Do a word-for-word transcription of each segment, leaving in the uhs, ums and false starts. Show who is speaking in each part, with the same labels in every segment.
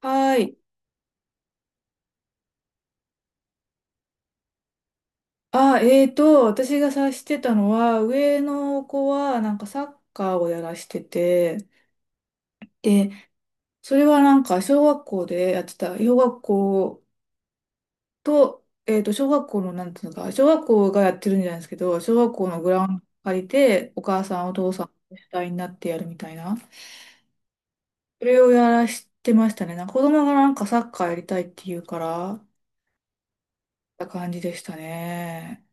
Speaker 1: はい。あ、えーと、私が察してたのは、上の子はなんかサッカーをやらしてて、で、それはなんか小学校でやってた、小学校と、えーと、小学校の、なんていうのか、小学校がやってるんじゃないですけど、小学校のグラウンド借りて、お母さん、お父さん、主体になってやるみたいな、それをやらしてましたね。なんか子供がなんかサッカーやりたいって言うから、た感じでしたね。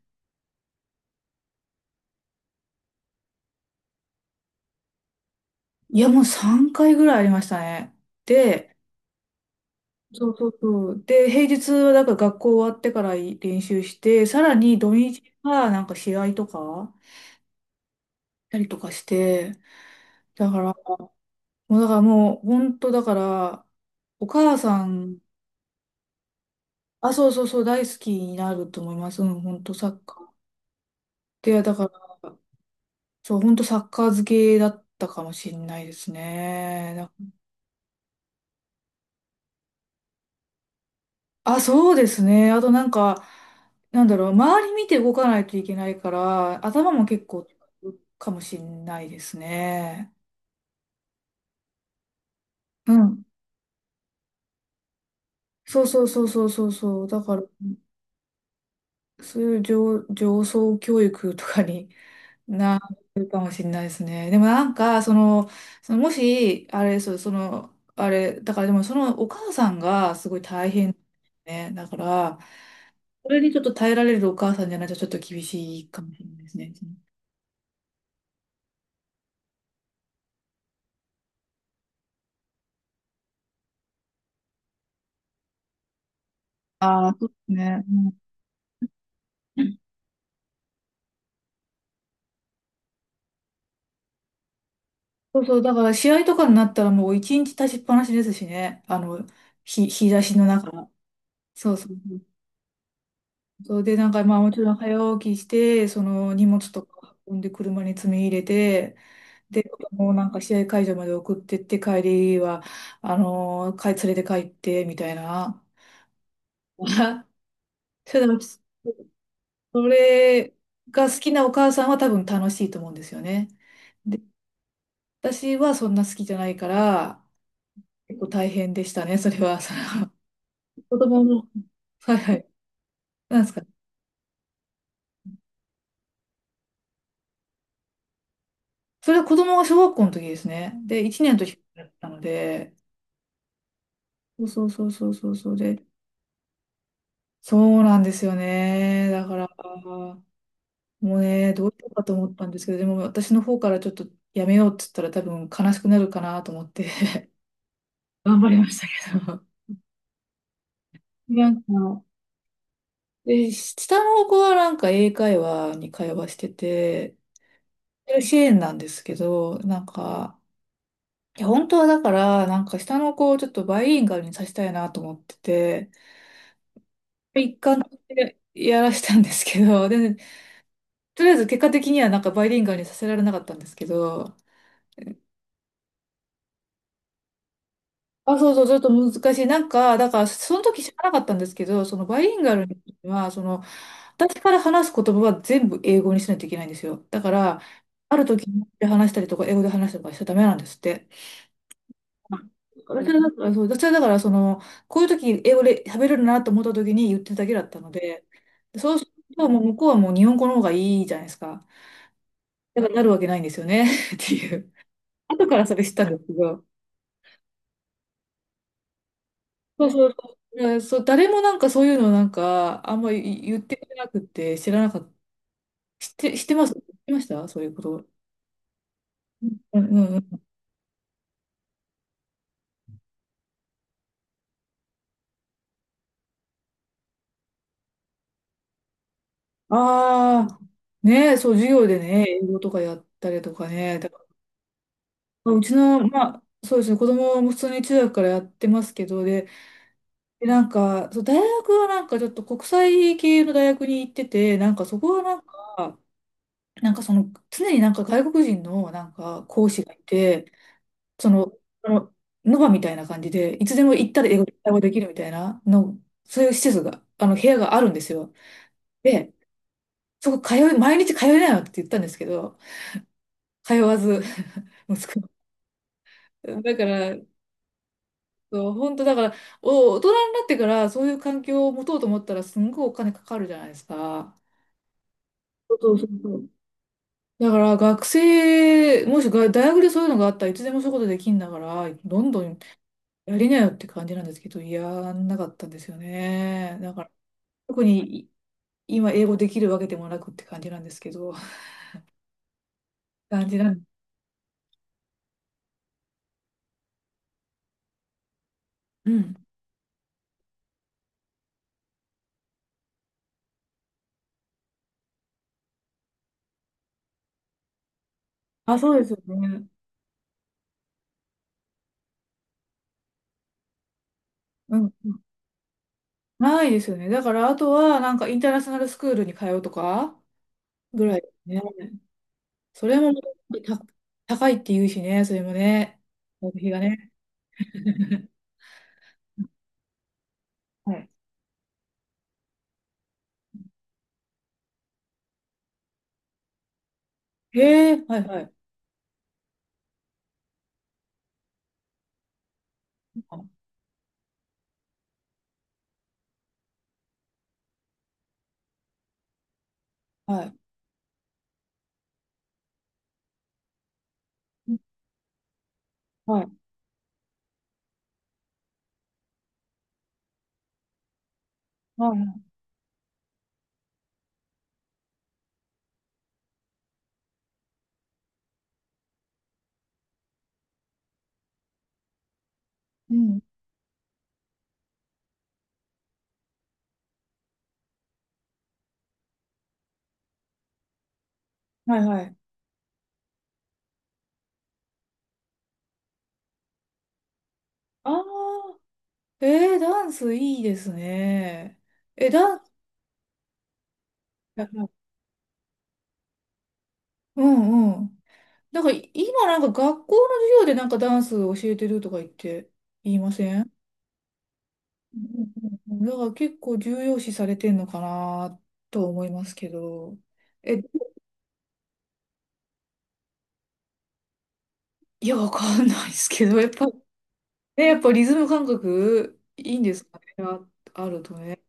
Speaker 1: いや、もうさんかいぐらいありましたね。で、そうそうそう。で、平日はだから学校終わってから練習して、さらに土日はなんか試合とかしたりとかして、だから、もうだからもう本当だから、お母さん、あ、そうそうそう、大好きになると思います。うん、本当サッカー。で、だから、そう、本当サッカー漬けだったかもしれないですね。だあ、そうですね。あとなんか、なんだろう、周り見て動かないといけないから、頭も結構かもしれないですね。うん。そうそうそうそうそうそう。だから、そういう上、上層教育とかに なるかもしれないですね。でもなんか、その、そのもし、あれ、そう、その、あれ、だからでもそのお母さんがすごい大変ね。だから、それにちょっと耐えられるお母さんじゃないとちょっと厳しいかもしれないですね。ああ、そうですね。うんそうそう、だから試合とかになったらもう一日立ちっぱなしですしね。あの、日、日差しの中。そうそう。そうで、なんか、まあ、もちろん早起きして、その荷物とか運んで車に積み入れて、で、子供をなんか試合会場まで送ってって、帰りは、あのー、かい連れて帰って、みたいな。それでも、それが好きなお母さんは多分楽しいと思うんですよね。で、私はそんな好きじゃないから、結構大変でしたね、それは。その子供の、はいはい。なんですか？それは子供が小学校の時ですね。で、いちねんの時だったので、そうそうそうそうそうそうで、そうなんですよね。だから、もうね、どうしようかと思ったんですけど、でも私の方からちょっとやめようって言ったら多分悲しくなるかなと思って 頑張りましたけど。なんか、で、下の子はなんか英会話に会話してて、支援なんですけど、なんか、いや、本当はだから、なんか下の子をちょっとバイリンガルにさせたいなと思ってて、一貫でやらしたんですけど、でとりあえず結果的にはなんかバイリンガルにさせられなかったんですけど、あ、そうそう、ちょっと難しい。なんか、だからその時知らなかったんですけど、そのバイリンガルは、その、私から話す言葉は全部英語にしないといけないんですよ。だから、ある時で話したりとか、英語で話したりとかしちゃダメなんですって。私はだから、そう、私はだから、その、こういう時英語で喋れるなと思った時に言ってるだけだったので、そうするともう向こうはもう日本語の方がいいじゃないですか。だからなるわけないんですよね っていう。後からそれ知ったんですけど。そうそうそう、うんそう、誰もなんかそういうのなんか、あんまり言ってくれなくて、知らなかった。知って、知ってます知ってましたそういうこと。うんうんうん。ああ、ねえ、そう、授業でね、英語とかやったりとかね。だからうちの、まあ、そうですね、子供も普通に中学からやってますけど、で、でなんか、そう、大学はなんかちょっと国際系の大学に行ってて、なんかそこはなんか、なんかその、常になんか外国人のなんか講師がいて、その、あの、ノバみたいな感じで、いつでも行ったら英語で対応できるみたいなの、そういう施設が、あの、部屋があるんですよ。で、そこ通い、毎日通えないわって言ったんですけど、通わず、息子。だから、そう、本当だから、お、大人になってからそういう環境を持とうと思ったら、すんごいお金かかるじゃないですか。そうそうそうそう。だから学生、もしが大学でそういうのがあったらいつでもそういうことできんだから、どんどんやりなよって感じなんですけど、やんなかったんですよね。だから特に今英語できるわけでもなくって感じなんですけど、感じなん、うん。あ、そうですよね。うん。うんないですよね。だから、あとは、なんか、インターナショナルスクールに通うとか、ぐらいですね。それも、た、高いって言うしね、それもね。学費がね。はい。へえ、はいはい。はい。はい。はい。うん。はいはい。ああ、えー、ダンスいいですね。え、ダンス、うんうん。なんか今なんか学校の授業でなんかダンス教えてるとか言って言いません？うんうんうん、だから結構重要視されてんのかなと思いますけど。え、いや、わかんないですけど、やっぱ、ね、やっぱリズム感覚いいんですかね、あ、あるとね。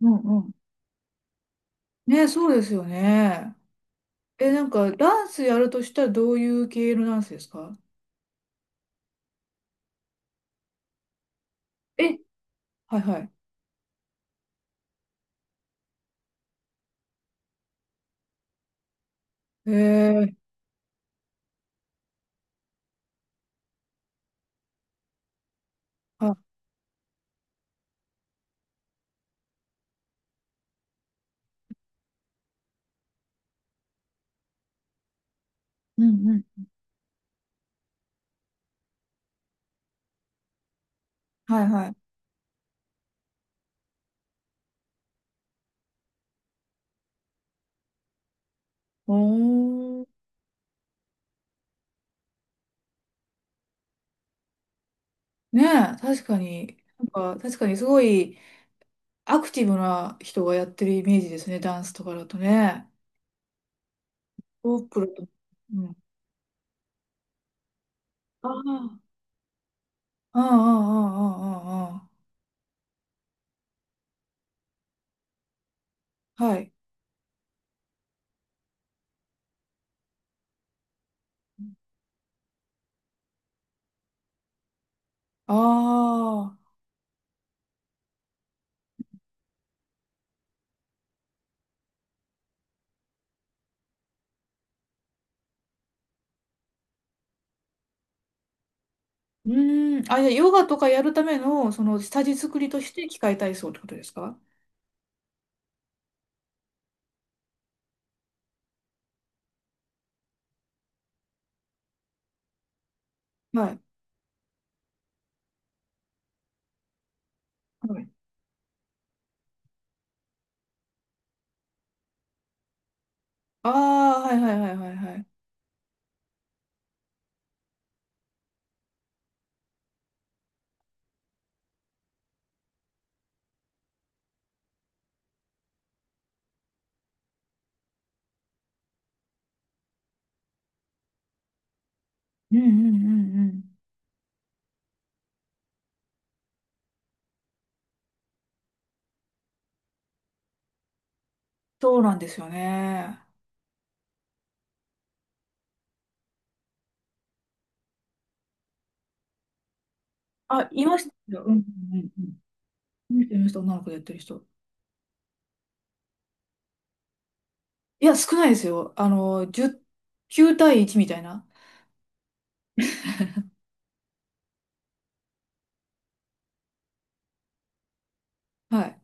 Speaker 1: うんうん。ね、そうですよね。え、なんかダンスやるとしたらどういう系のダンスですか？え、はいはい。えー、あ、うんうん。はいはい。おー。ねえ、確かに、なんか、確かにすごいアクティブな人がやってるイメージですね、ダンスとかだとね。オープロと、うん。ああ、ああ、ああ、ああ、ああ、はい。ああ、うーん。あ、じゃあヨガとかやるための、その、下地作りとして器械体操ってことですか？はい。はい。ああ、はいはいはいはいはい。うんうんうんうん。そうなんですよね。あ、いましたよ。うんうんうんうん。見てました、女の子でやってる人。いや、少ないですよ。あの、じゅう、きゅう対いちみたいな。はい。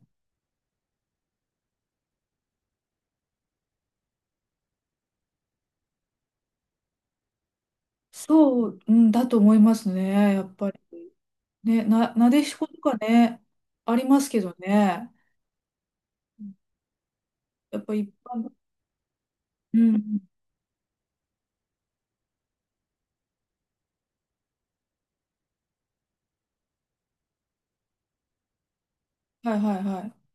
Speaker 1: そう、うんだと思いますね。やっぱり。ね、な、なでしことかね、ありますけどね。やっぱ一般、うん。はいはいはい。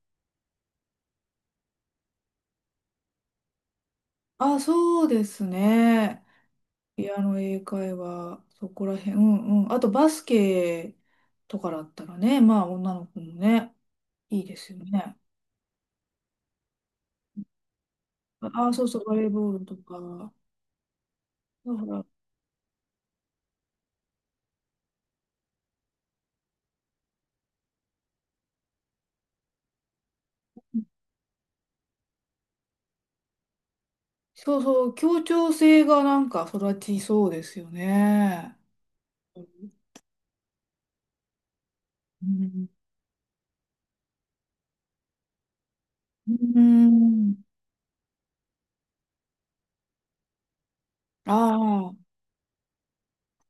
Speaker 1: あ、そうですね。ピアノ英会話、そこら辺。うんうん。あとバスケとかだったらね、まあ女の子もね、いいですよね。あ、そうそう、バレーボールとか。だからそうそう、協調性がなんか育ちそうですよね。うんうん。あ。